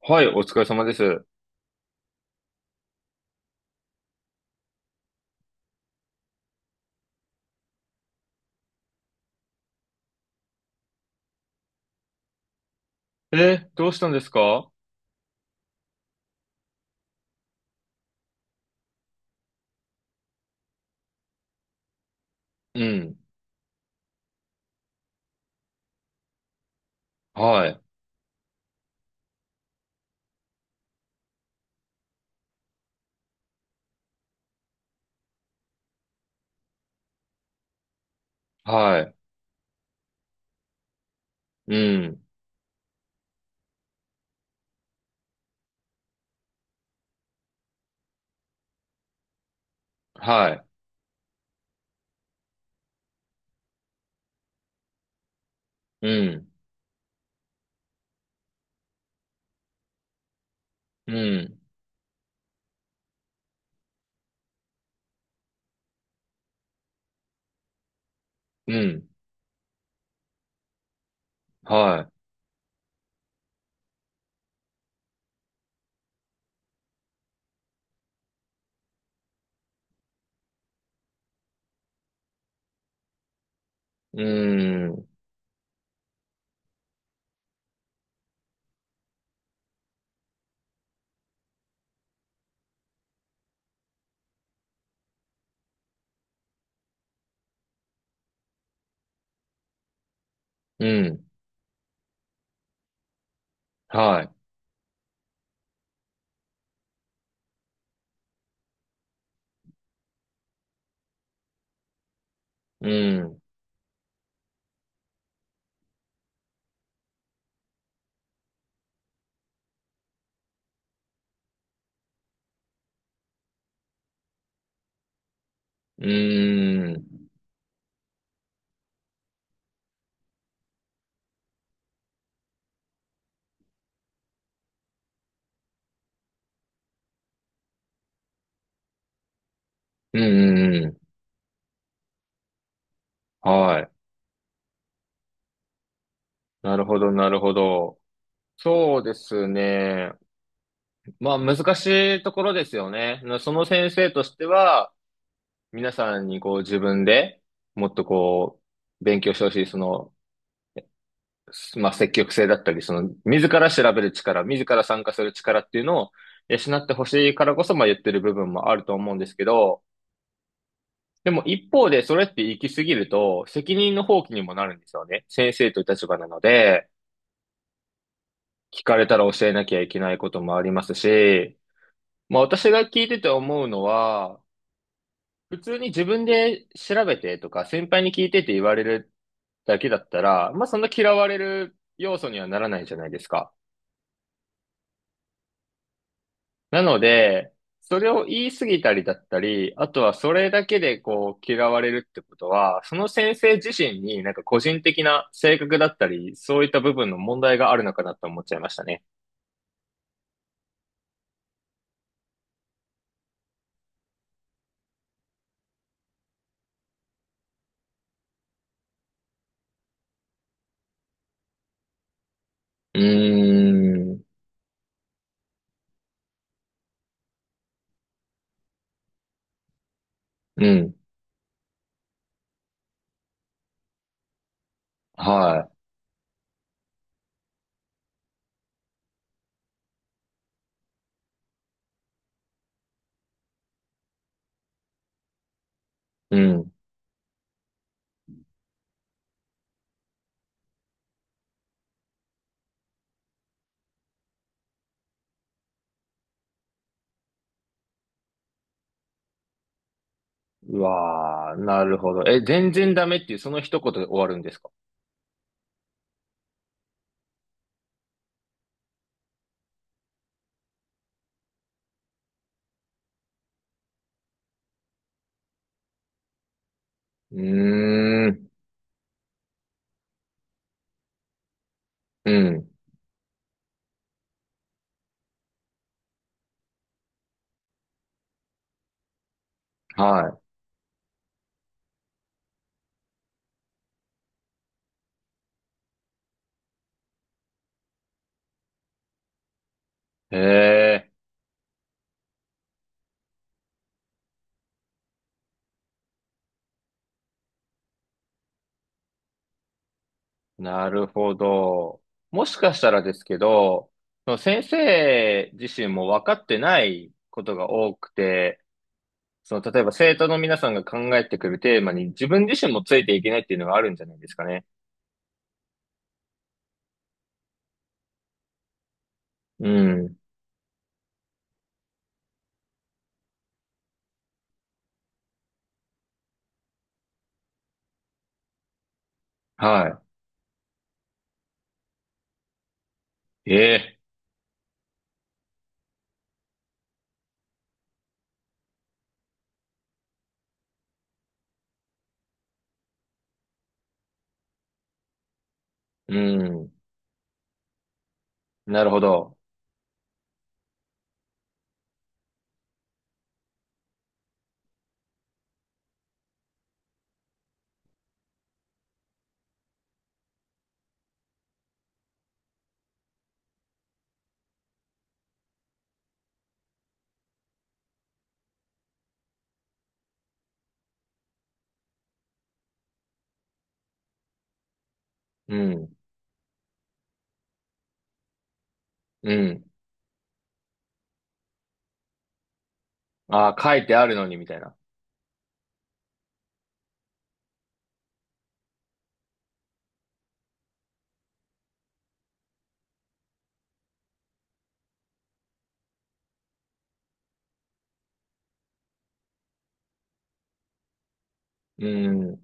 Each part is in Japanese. はい、お疲れ様です。どうしたんですか？うん。はい。はい。うん。はい。うん。うん。うん。はい。うん。うん。はい。うん。うん。うん。うん。はい。なるほど、なるほど。そうですね。まあ、難しいところですよね。その先生としては、皆さんにこう自分でもっと勉強してほしい、まあ、積極性だったり、その、自ら調べる力、自ら参加する力っていうのを養ってほしいからこそ、まあ、言ってる部分もあると思うんですけど、でも一方で、それって行き過ぎると、責任の放棄にもなるんですよね。先生という立場なので、聞かれたら教えなきゃいけないこともありますし、まあ、私が聞いてて思うのは、普通に自分で調べてとか、先輩に聞いてって言われるだけだったら、まあ、そんな嫌われる要素にはならないじゃないですか。なので、それを言い過ぎたりだったり、あとはそれだけでこう嫌われるってことは、その先生自身になんか個人的な性格だったり、そういった部分の問題があるのかなと思っちゃいましたね。うーん、うん、はい、うん。うわー、なるほど。え、全然ダメっていうその一言で終わるんですか？うーん、うん、はい。へえ。なるほど。もしかしたらですけど、その先生自身も分かってないことが多くて、その例えば生徒の皆さんが考えてくるテーマに自分自身もついていけないっていうのがあるんじゃないですかね。うん。はい。ええ。うん。なるほど。うん。うん。ああ、書いてあるのにみたいな。うん。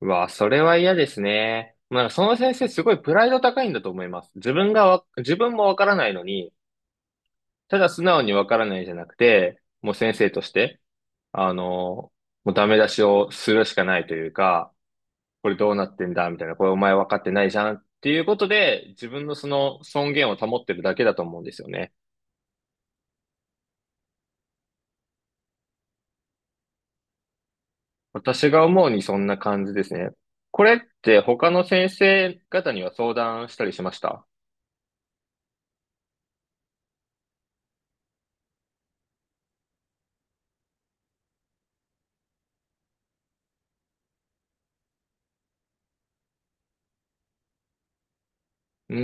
うわ、それは嫌ですね。まあ、その先生すごいプライド高いんだと思います。自分も分からないのに、ただ素直にわからないじゃなくて、もう先生として、あの、もうダメ出しをするしかないというか、これどうなってんだみたいな、これお前分かってないじゃんっていうことで、自分のその尊厳を保ってるだけだと思うんですよね。私が思うにそんな感じですね。これって他の先生方には相談したりしましたうー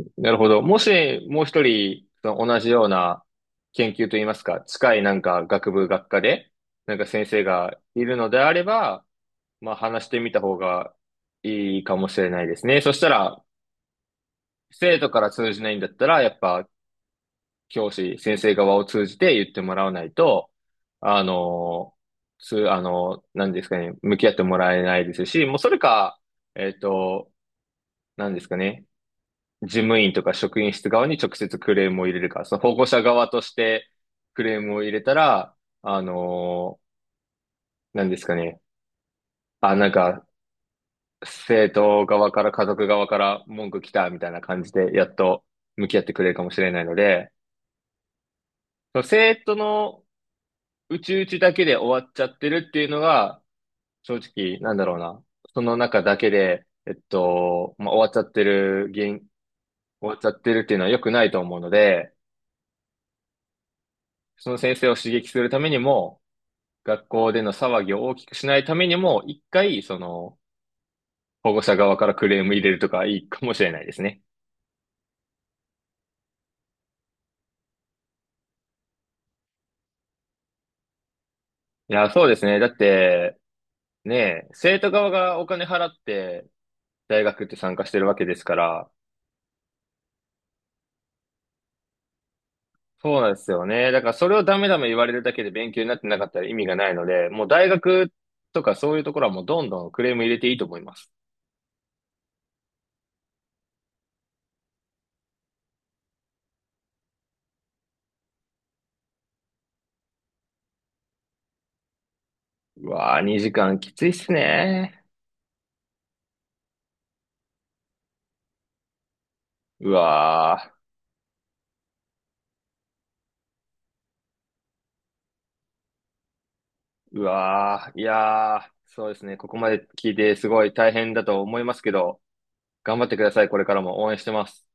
ん、なるほど。もし、もう一人、その同じような研究といいますか、近いなんか学部、学科で、なんか先生がいるのであれば、まあ話してみた方がいいかもしれないですね。そしたら、生徒から通じないんだったら、やっぱ教師、先生側を通じて言ってもらわないと、あの、つ、あの、何ですかね、向き合ってもらえないですし、もうそれか、えっと、何ですかね、事務員とか職員室側に直接クレームを入れるか、その保護者側としてクレームを入れたら、あの何ですかね。あ、なんか、生徒側から家族側から文句来たみたいな感じで、やっと向き合ってくれるかもしれないので、その生徒のうちうちだけで終わっちゃってるっていうのが、正直、なんだろうな。その中だけで、まあ、終わっちゃってる原因、終わっちゃってるっていうのは良くないと思うので、その先生を刺激するためにも、学校での騒ぎを大きくしないためにも、一回、その、保護者側からクレーム入れるとかいいかもしれないですね。いや、そうですね。だって、ねえ、生徒側がお金払って、大学って参加してるわけですから、そうなんですよね。だからそれをダメダメ言われるだけで勉強になってなかったら意味がないので、もう大学とかそういうところはもうどんどんクレーム入れていいと思います。うわぁ、2時間きついっすね。うわぁ。うわー、いやー、そうですね。ここまで聞いてすごい大変だと思いますけど、頑張ってください。これからも応援してます。